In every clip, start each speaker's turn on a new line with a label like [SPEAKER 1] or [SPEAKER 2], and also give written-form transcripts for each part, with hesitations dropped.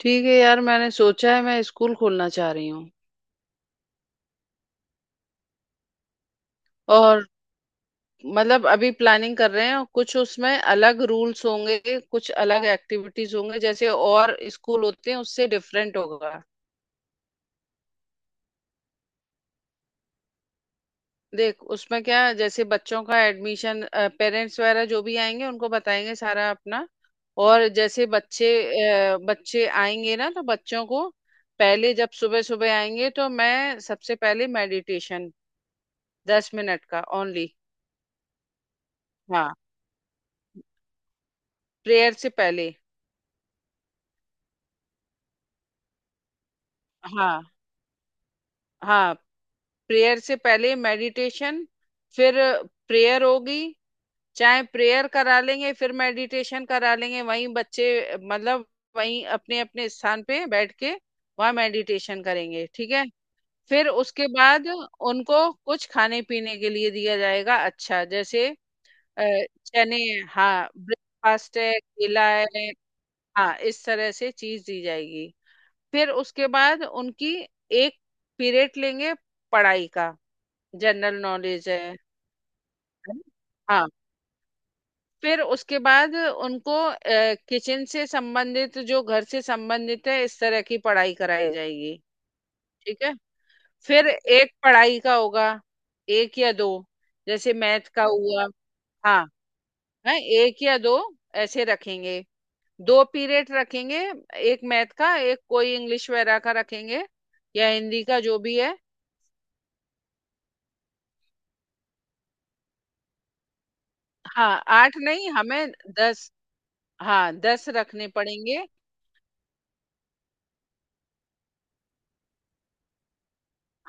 [SPEAKER 1] ठीक है यार। मैंने सोचा है मैं स्कूल खोलना चाह रही हूँ। और मतलब अभी प्लानिंग कर रहे हैं और कुछ उसमें अलग रूल्स होंगे, कुछ अलग एक्टिविटीज होंगे। जैसे और स्कूल होते हैं उससे डिफरेंट होगा। देख उसमें क्या है, जैसे बच्चों का एडमिशन, पेरेंट्स वगैरह जो भी आएंगे उनको बताएंगे सारा अपना। और जैसे बच्चे बच्चे आएंगे ना तो बच्चों को पहले जब सुबह सुबह आएंगे तो मैं सबसे पहले मेडिटेशन, 10 मिनट का ओनली। हाँ। प्रेयर से पहले। हाँ हाँ, प्रेयर से पहले मेडिटेशन, फिर प्रेयर होगी। चाहे प्रेयर करा लेंगे फिर मेडिटेशन करा लेंगे वहीं बच्चे। मतलब वहीं अपने अपने स्थान पे बैठ के वहाँ मेडिटेशन करेंगे, ठीक है। फिर उसके बाद उनको कुछ खाने पीने के लिए दिया जाएगा। अच्छा, जैसे अ, चने, हाँ ब्रेकफास्ट है, केला है। हाँ, इस तरह से चीज दी जाएगी। फिर उसके बाद उनकी एक पीरियड लेंगे पढ़ाई का, जनरल नॉलेज है ना? हाँ। फिर उसके बाद उनको किचन से संबंधित, जो घर से संबंधित है, इस तरह की पढ़ाई कराई जाएगी। ठीक है। फिर एक पढ़ाई का होगा, एक या दो, जैसे मैथ का हुआ। हाँ, है एक या दो ऐसे रखेंगे। दो पीरियड रखेंगे, एक मैथ का, एक कोई इंग्लिश वगैरह का रखेंगे, या हिंदी का, जो भी है। हाँ 8 नहीं, हमें 10। हाँ 10 रखने पड़ेंगे।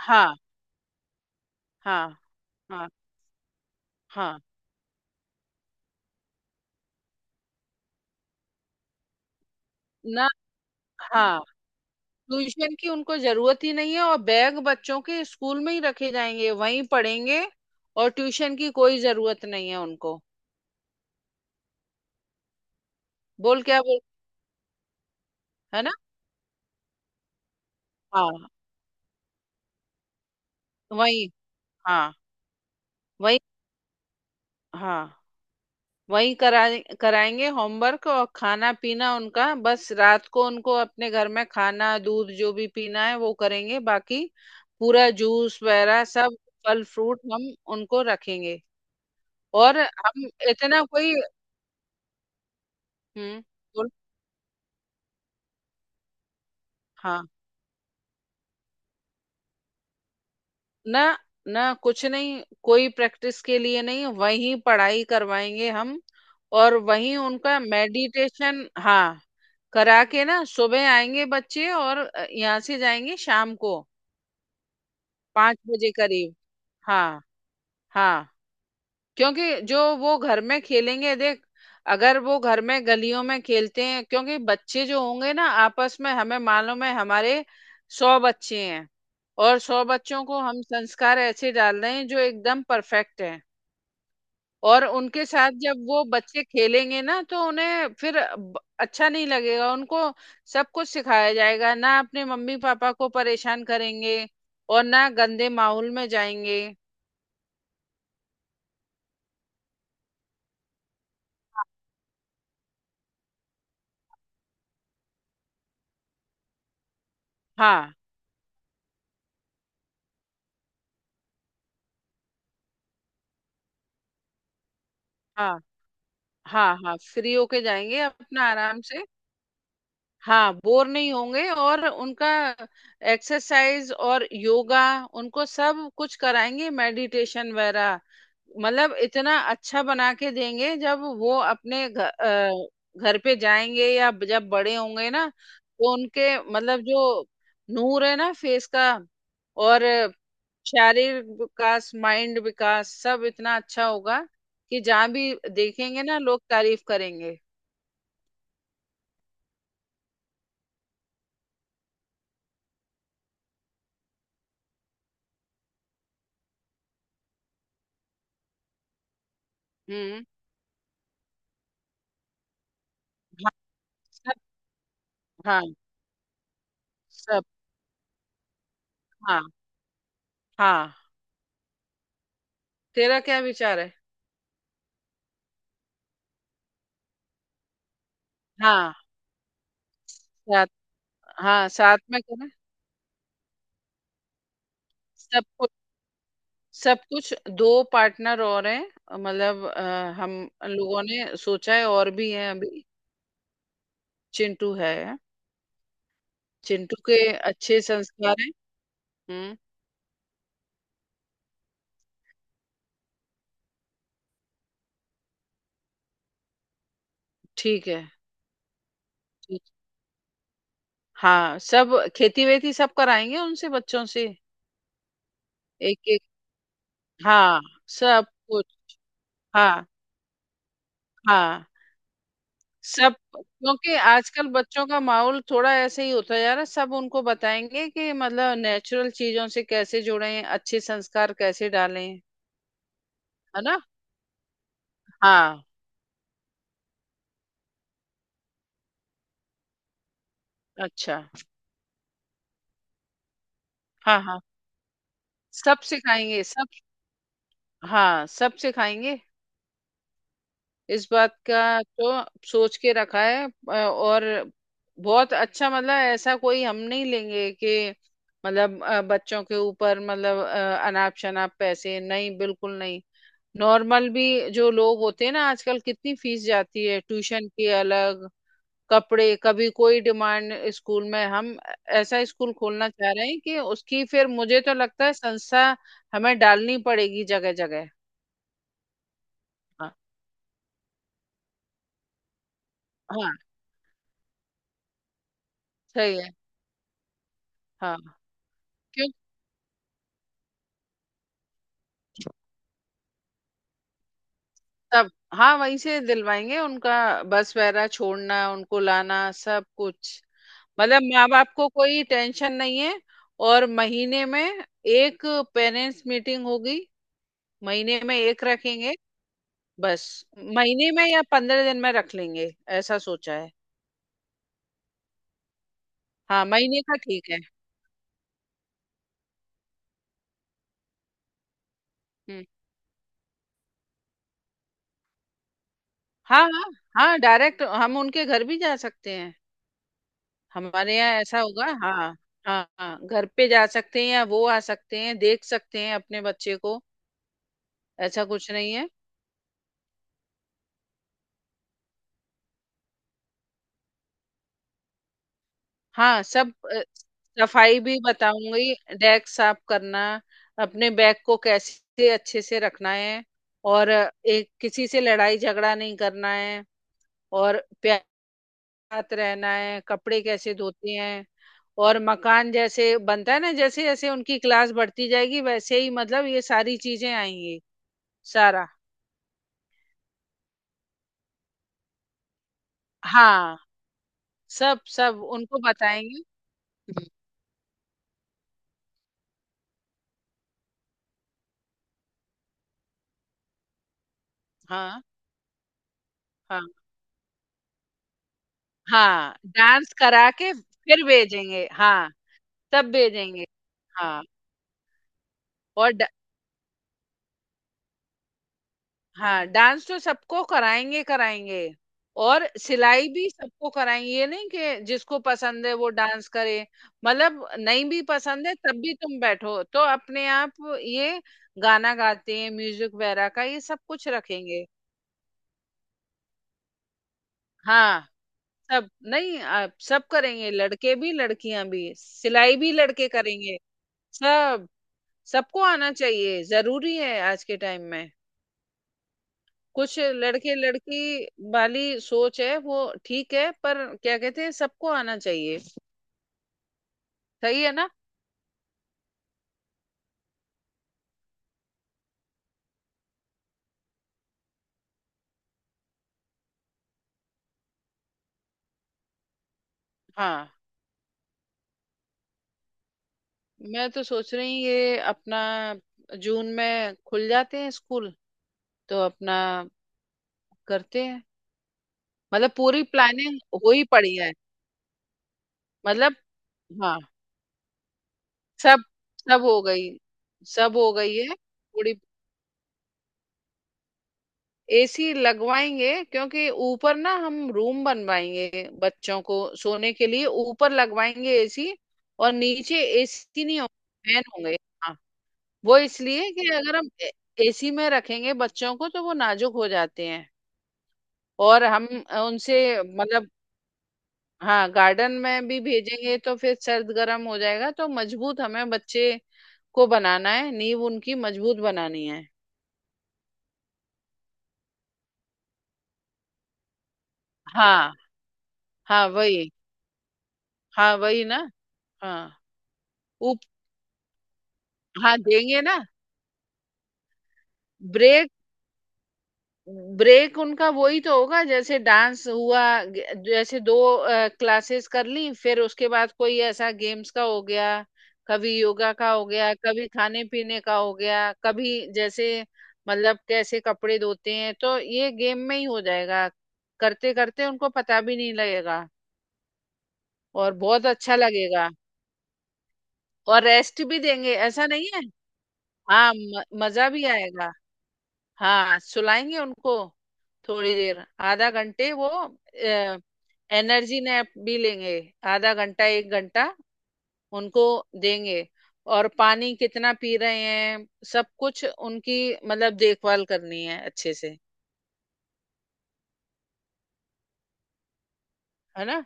[SPEAKER 1] हाँ हाँ हाँ। हाँ। ना। हाँ, ट्यूशन की उनको जरूरत ही नहीं है और बैग बच्चों के स्कूल में ही रखे जाएंगे, वहीं पढ़ेंगे। और ट्यूशन की कोई जरूरत नहीं है उनको। बोल, क्या बोल। है ना। हाँ। वही, हाँ वही, हाँ वही। करा कराएंगे होमवर्क, और खाना पीना उनका, बस रात को उनको अपने घर में खाना दूध जो भी पीना है वो करेंगे, बाकी पूरा जूस वगैरह सब, फल फ्रूट हम उनको रखेंगे। और हम इतना कोई। हम्म। बोल। हाँ। ना। ना कुछ नहीं, कोई प्रैक्टिस के लिए नहीं, वहीं पढ़ाई करवाएंगे हम। और वहीं उनका मेडिटेशन, हाँ करा के ना, सुबह आएंगे बच्चे और यहाँ से जाएंगे शाम को 5 बजे करीब। हाँ हाँ, क्योंकि जो वो घर में खेलेंगे देख, अगर वो घर में गलियों में खेलते हैं क्योंकि बच्चे जो होंगे ना, आपस में हमें मालूम है, हमारे 100 बच्चे हैं। और 100 बच्चों को हम संस्कार ऐसे डाल रहे हैं जो एकदम परफेक्ट हैं। और उनके साथ जब वो बच्चे खेलेंगे ना, तो उन्हें फिर अच्छा नहीं लगेगा, उनको सब कुछ सिखाया जाएगा ना, अपने मम्मी पापा को परेशान करेंगे और ना गंदे माहौल में जाएंगे। हाँ हाँ हाँ। हाँ फ्री होके जाएंगे अपना आराम से। हाँ बोर नहीं होंगे और उनका एक्सरसाइज और योगा, उनको सब कुछ कराएंगे, मेडिटेशन वगैरह। मतलब इतना अच्छा बना के देंगे जब वो अपने घर पे जाएंगे या जब बड़े होंगे ना, तो उनके मतलब जो नूर है ना फेस का, और शारीरिक विकास, माइंड विकास, सब इतना अच्छा होगा कि जहाँ भी देखेंगे ना, लोग तारीफ करेंगे। हम्म। हाँ सब। हाँ सब। हाँ हाँ। तेरा क्या विचार है। हाँ साथ। हाँ साथ में करें। सब कुछ, सब कुछ। दो पार्टनर और हैं। मतलब हम लोगों ने सोचा है, और भी हैं अभी। चिंटू है। चिंटू के अच्छे संस्कार हैं। हम्म। ठीक है। ठीक। हाँ सब, खेती वेती सब कराएंगे उनसे, बच्चों से। एक एक। हाँ। सब कुछ। हाँ हाँ। सब, क्योंकि आजकल बच्चों का माहौल थोड़ा ऐसे ही होता जा रहा है, सब उनको बताएंगे कि मतलब नेचुरल चीजों से कैसे जुड़ें, अच्छे संस्कार कैसे डालें। है ना। हाँ। अच्छा। हाँ हाँ, सब सिखाएंगे सब। हाँ सब सिखाएंगे। इस बात का तो सोच के रखा है और बहुत अच्छा। मतलब ऐसा कोई हम नहीं लेंगे कि मतलब बच्चों के ऊपर, मतलब अनाप शनाप पैसे नहीं, बिल्कुल नहीं। नॉर्मल भी जो लोग होते हैं ना, आजकल कितनी फीस जाती है ट्यूशन की अलग, कपड़े, कभी कोई डिमांड स्कूल में। हम ऐसा स्कूल खोलना चाह रहे हैं कि उसकी फिर मुझे तो लगता है संस्था हमें डालनी पड़ेगी जगह जगह। हाँ हाँ, सही है। हाँ, क्यों। तब हाँ, वहीं से दिलवाएंगे उनका, बस वगैरह, छोड़ना उनको, लाना, सब कुछ। मतलब माँ बाप को कोई टेंशन नहीं है। और महीने में एक पेरेंट्स मीटिंग होगी, महीने में एक रखेंगे बस। महीने में या 15 दिन में रख लेंगे, ऐसा सोचा है। हाँ, महीने का ठीक है। हम्म। हाँ हाँ। हाँ, डायरेक्ट हम उनके घर भी जा सकते हैं। हमारे यहाँ ऐसा होगा, हाँ। हाँ हाँ, घर पे जा सकते हैं, या वो आ सकते हैं, देख सकते हैं अपने बच्चे को। ऐसा कुछ नहीं है। हाँ सब सफाई भी बताऊंगी, डेस्क साफ करना, अपने बैग को कैसे अच्छे से रखना है, और एक, किसी से लड़ाई झगड़ा नहीं करना है, और प्यार के साथ रहना है, कपड़े कैसे धोते हैं, और मकान जैसे बनता है ना। जैसे जैसे उनकी क्लास बढ़ती जाएगी, वैसे ही मतलब ये सारी चीजें आएंगी। सारा। हाँ सब। सब उनको बताएंगे। हम्म। हाँ हाँ। हाँ डांस करा के फिर भेजेंगे, हाँ तब भेजेंगे। हाँ। और हाँ डांस तो सबको कराएंगे, कराएंगे। और सिलाई भी सबको कराएंगे, ये नहीं कि जिसको पसंद है वो डांस करे। मतलब नहीं भी पसंद है तब भी तुम बैठो, तो अपने आप ये गाना गाते हैं, म्यूजिक वगैरह का, ये सब कुछ रखेंगे। हाँ सब नहीं आप, सब करेंगे लड़के भी, लड़कियां भी, सिलाई भी लड़के करेंगे, सब। सबको आना चाहिए, जरूरी है आज के टाइम में। कुछ लड़के लड़की वाली सोच है वो, ठीक है, पर क्या कहते हैं, सबको आना चाहिए। सही है ना। हाँ, मैं तो सोच रही हूँ ये अपना जून में खुल जाते हैं स्कूल, तो अपना करते हैं। मतलब पूरी प्लानिंग हो ही पड़ी है। मतलब हाँ, सब, सब हो गई। सब हो गई है पूरी। एसी लगवाएंगे, क्योंकि ऊपर ना हम रूम बनवाएंगे बच्चों को सोने के लिए, ऊपर लगवाएंगे एसी। और नीचे एसी नहीं होंगे, फैन होंगे। हाँ, वो इसलिए कि अगर हम एसी में रखेंगे बच्चों को, तो वो नाजुक हो जाते हैं। और हम उनसे मतलब, हाँ गार्डन में भी भेजेंगे तो फिर सर्द गर्म हो जाएगा, तो मजबूत हमें बच्चे को बनाना है, नींव उनकी मजबूत बनानी है। हाँ हाँ वही, हाँ वही ना। हाँ। हाँ देंगे ना ब्रेक। ब्रेक उनका वही तो होगा, जैसे डांस हुआ, जैसे दो क्लासेस कर ली, फिर उसके बाद कोई ऐसा गेम्स का हो गया, कभी योगा का हो गया, कभी खाने पीने का हो गया, कभी जैसे मतलब कैसे कपड़े धोते हैं, तो ये गेम में ही हो जाएगा, करते करते उनको पता भी नहीं लगेगा। और बहुत अच्छा लगेगा। और रेस्ट भी देंगे, ऐसा नहीं है। हाँ मजा भी आएगा। हाँ सुलाएंगे उनको, थोड़ी देर, आधा घंटे वो। एनर्जी नैप भी लेंगे, आधा घंटा एक घंटा उनको देंगे। और पानी कितना पी रहे हैं, सब कुछ उनकी मतलब देखभाल करनी है अच्छे से। है ना।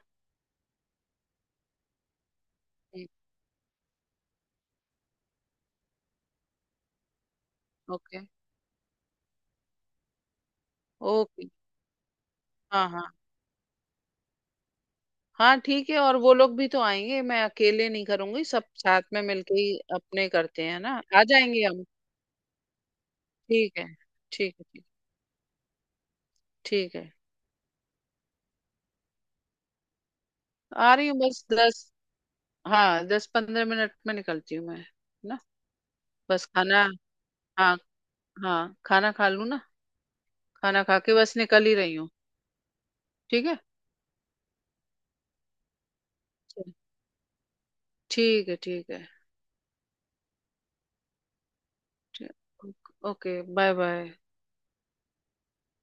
[SPEAKER 1] ओके। ओके। हाँ हाँ हाँ, ठीक है। और वो लोग भी तो आएंगे, मैं अकेले नहीं करूंगी, सब साथ में मिलके ही अपने करते हैं ना, आ जाएंगे हम। ठीक है। ठीक है, ठीक। ठीक है। आ रही हूँ बस 10, हाँ 10-15 मिनट में निकलती हूँ मैं, है ना। बस खाना, हाँ हाँ, खाना खा लूँ ना, खाना खा के बस निकल ही रही हूँ। ठीक है। ठीक है ठीक है ठीक। Okay, bye bye.